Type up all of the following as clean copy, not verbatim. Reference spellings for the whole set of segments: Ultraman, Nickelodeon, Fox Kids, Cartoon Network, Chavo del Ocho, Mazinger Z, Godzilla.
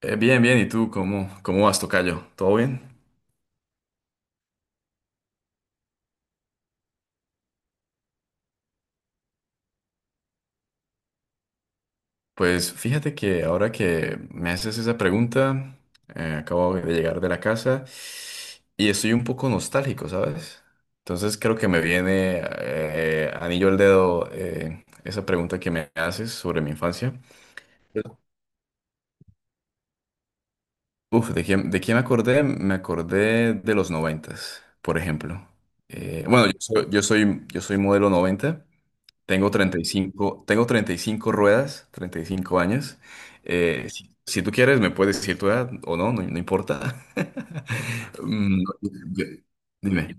Bien, bien, ¿y tú cómo vas, tocayo? ¿Todo bien? Pues fíjate que ahora que me haces esa pregunta, acabo de llegar de la casa y estoy un poco nostálgico, ¿sabes? Entonces creo que me viene anillo al dedo esa pregunta que me haces sobre mi infancia. Uf, ¿de quién me acordé? Me acordé de los noventas, por ejemplo. Bueno, yo soy modelo 90. Tengo 35, tengo 35 ruedas, 35 años. Si tú quieres, me puedes decir tu edad o no importa. Mm, yo- dime,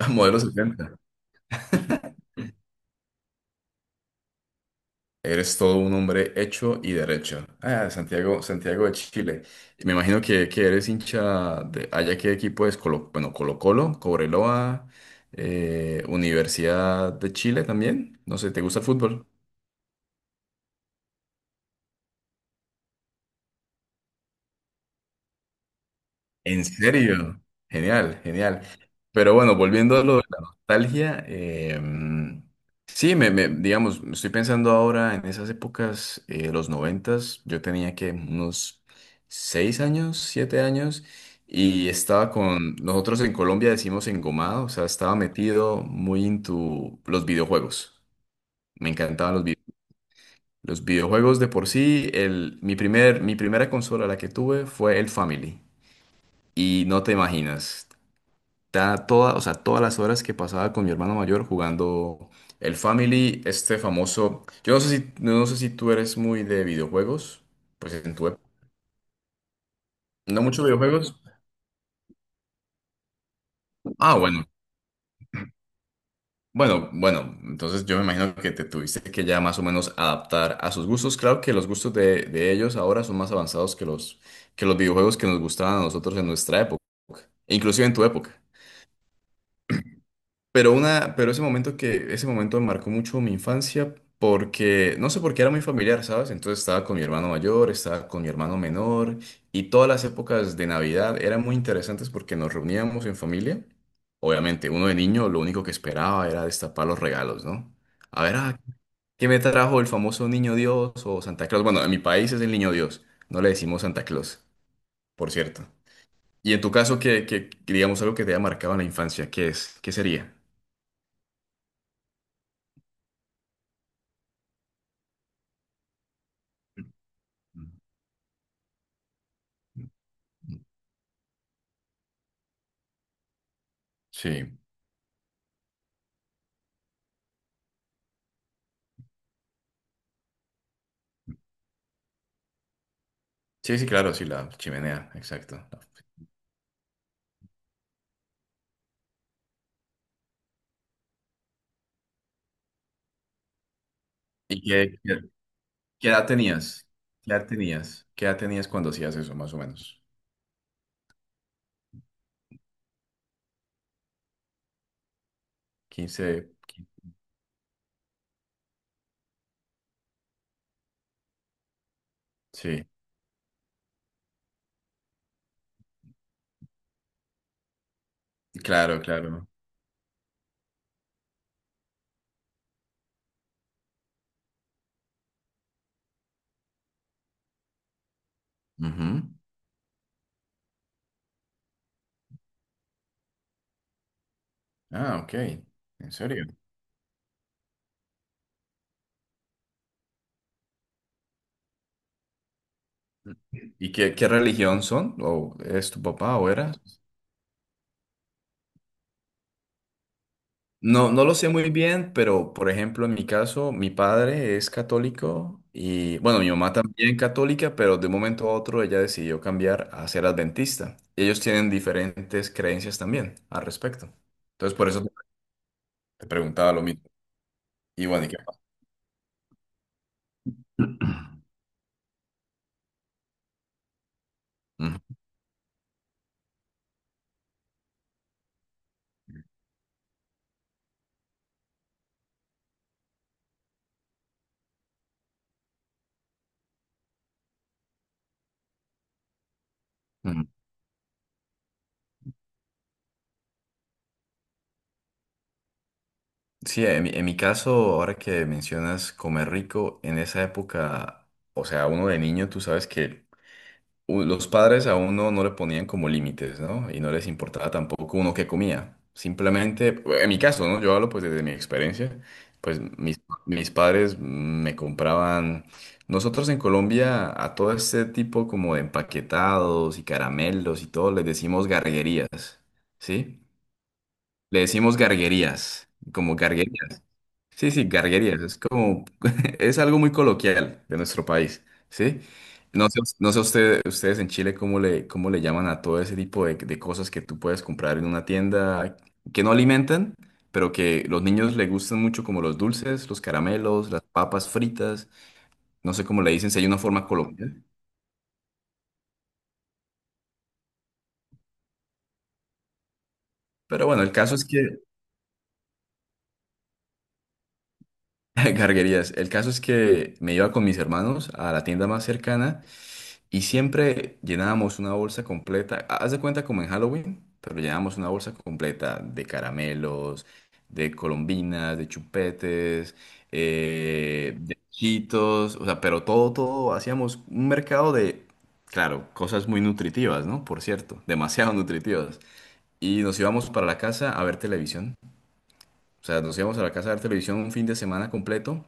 modelo setenta. Eres todo un hombre hecho y derecho. Ah, Santiago, Santiago de Chile. Me imagino que eres hincha de allá qué equipo es Colo, bueno, Colo-Colo, Cobreloa, Universidad de Chile también. No sé, ¿te gusta el fútbol? ¿En serio? Genial, genial. Pero bueno, volviendo a lo de la nostalgia, sí, digamos, estoy pensando ahora en esas épocas, los noventas, yo tenía que unos seis años, siete años, y estaba con, nosotros en Colombia decimos engomado, o sea, estaba metido muy into los videojuegos. Me encantaban los videojuegos. Los videojuegos de por sí, el, mi primera consola la que tuve fue el Family. Y no te imaginas toda, o sea, todas las horas que pasaba con mi hermano mayor jugando el Family, este famoso. Yo no sé si tú eres muy de videojuegos, pues en tu época. No muchos videojuegos. Ah, bueno. Bueno, bueno, entonces yo me imagino que te tuviste que ya más o menos adaptar a sus gustos. Claro que los gustos de ellos ahora son más avanzados que que los videojuegos que nos gustaban a nosotros en nuestra época, inclusive en tu época. Pero una, pero ese momento ese momento marcó mucho mi infancia porque, no sé por qué era muy familiar, ¿sabes? Entonces estaba con mi hermano mayor, estaba con mi hermano menor y todas las épocas de Navidad eran muy interesantes porque nos reuníamos en familia. Obviamente, uno de niño lo único que esperaba era destapar los regalos, ¿no? A ver, ah, ¿qué me trajo el famoso Niño Dios o Santa Claus? Bueno, en mi país es el Niño Dios, no le decimos Santa Claus, por cierto. Y en tu caso, ¿qué, digamos algo que te haya marcado en la infancia? ¿Qué es? ¿Qué sería? Sí, sí, sí, claro, sí, la chimenea, exacto. ¿Y qué, qué, qué edad tenías? ¿Qué edad tenías? ¿Qué edad tenías cuando hacías eso, más o menos? Quince. Sí, claro, claro. Ujú. Ah, ok, en serio. ¿Y qué, qué religión son? ¿O es tu papá o era? No, no lo sé muy bien, pero por ejemplo, en mi caso, mi padre es católico y bueno, mi mamá también católica, pero de un momento a otro ella decidió cambiar a ser adventista. Y ellos tienen diferentes creencias también al respecto. Entonces, por eso te preguntaba lo mismo. Y bueno, ¿y qué pasa? Ujú, ujú. Sí, en en mi caso, ahora que mencionas comer rico, en esa época, o sea, uno de niño, tú sabes que los padres a uno no le ponían como límites, ¿no? Y no les importaba tampoco uno qué comía. Simplemente, en mi caso, ¿no? Yo hablo pues desde mi experiencia, pues mis padres me compraban, nosotros en Colombia a todo este tipo como de empaquetados y caramelos y todo les decimos garguerías, ¿sí? Le decimos garguerías, como garguerías. Sí, sí, garguerías, es como, es algo muy coloquial de nuestro país, ¿sí? No sé, no sé ustedes en Chile cómo le llaman a todo ese tipo de cosas que tú puedes comprar en una tienda que no alimentan, pero que los niños le gustan mucho, como los dulces, los caramelos, las papas fritas, no sé cómo le dicen, si hay una forma colombiana. Pero bueno, el caso es que, garguerías, el caso es que me iba con mis hermanos a la tienda más cercana. Y siempre llenábamos una bolsa completa, haz de cuenta como en Halloween, pero llenábamos una bolsa completa de caramelos, de colombinas, de chupetes, de chitos, o sea, pero todo, todo, hacíamos un mercado de, claro, cosas muy nutritivas, ¿no? Por cierto, demasiado nutritivas. Y nos íbamos para la casa a ver televisión. O sea, nos íbamos a la casa a ver televisión un fin de semana completo,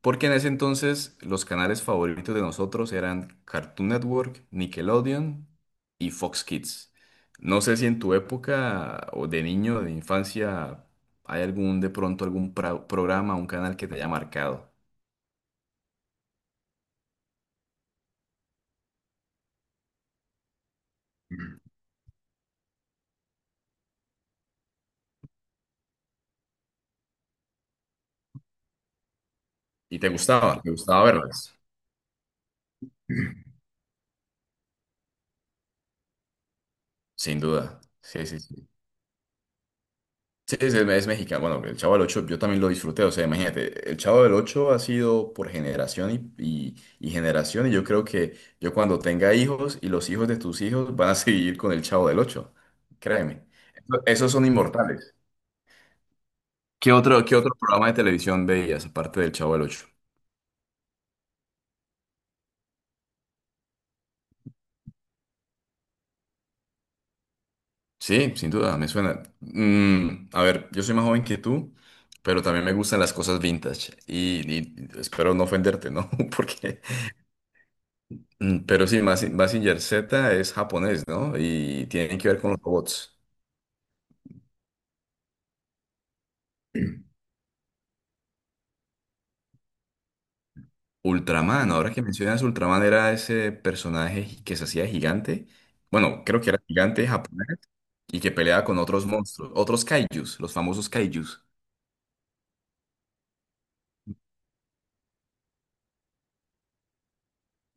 porque en ese entonces los canales favoritos de nosotros eran Cartoon Network, Nickelodeon y Fox Kids. No sé si en tu época o de niño, de infancia, hay algún, de pronto, algún programa, un canal que te haya marcado y te te gustaba verlas, sin duda. Sí, sí, sí. Sí, sí, es mexicano. Bueno, el Chavo del Ocho yo también lo disfruté. O sea, imagínate, el Chavo del Ocho ha sido por generación y generación. Y yo creo que yo cuando tenga hijos y los hijos de tus hijos van a seguir con el Chavo del Ocho. Créeme. Esos son inmortales. Qué otro programa de televisión veías aparte del Chavo del Ocho? Sí, sin duda, me suena. Mm, a ver, yo soy más joven que tú, pero también me gustan las cosas vintage. Y espero no ofenderte, ¿no? Porque mm, pero sí, Mazinger Z es japonés, ¿no? Y tiene que ver con los robots. Ultraman, ahora que mencionas Ultraman, era ese personaje que se hacía gigante. Bueno, creo que era gigante japonés y que peleaba con otros monstruos, otros kaijus, los famosos kaijus.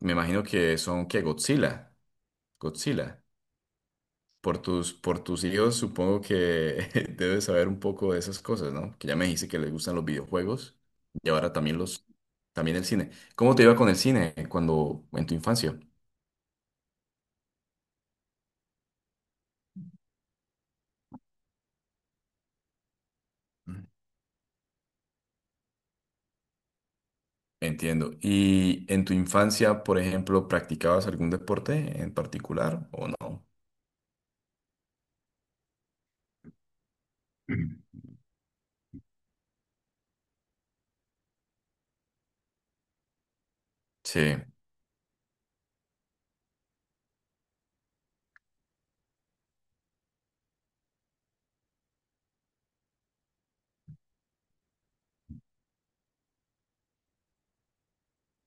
Me imagino que que Godzilla. Godzilla. Por por tus hijos, supongo que debes saber un poco de esas cosas, ¿no? Que ya me dijiste que les gustan los videojuegos y ahora también también el cine. ¿Cómo te iba con el cine en tu infancia? Mm. Entiendo. ¿Y en tu infancia, por ejemplo, practicabas algún deporte en particular o no? Mm. Sí.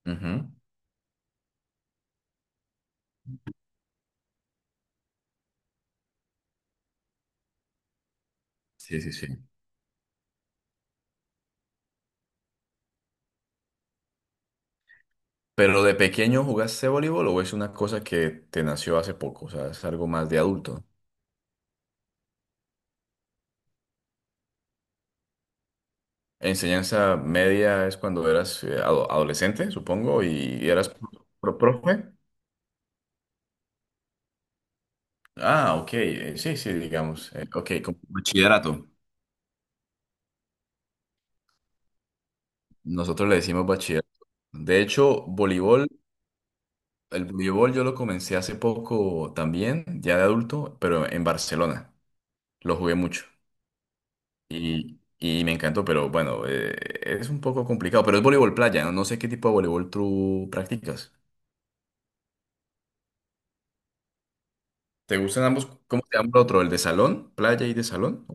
Ujú. Sí, sí, sí. ¿Pero de pequeño jugaste voleibol o es una cosa que te nació hace poco? O sea, es algo más de adulto. Enseñanza media es cuando eras adolescente, supongo, y eras profe. Ah, ok, sí, sí, digamos. Ok, como bachillerato. Nosotros le decimos bachillerato. De hecho, voleibol, el voleibol yo lo comencé hace poco también, ya de adulto, pero en Barcelona. Lo jugué mucho y me encantó, pero bueno, es un poco complicado, pero es voleibol playa, ¿no? No sé qué tipo de voleibol tú practicas. ¿Te gustan ambos? ¿Cómo se llama el otro? ¿El de salón? ¿Playa y de salón?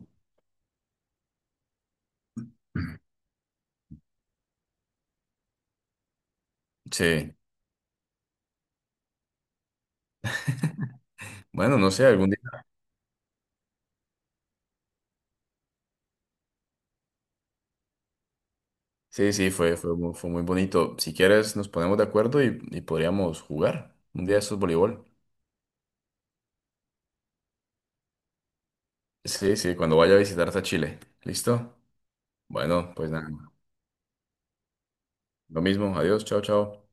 Sí, bueno, no sé, algún día. Sí, fue muy bonito. Si quieres, nos ponemos de acuerdo y podríamos jugar un día de estos voleibol. Sí, sí, cuando vaya a visitarte a Chile. ¿Listo? Bueno, pues nada, lo mismo. Adiós, chao, chao.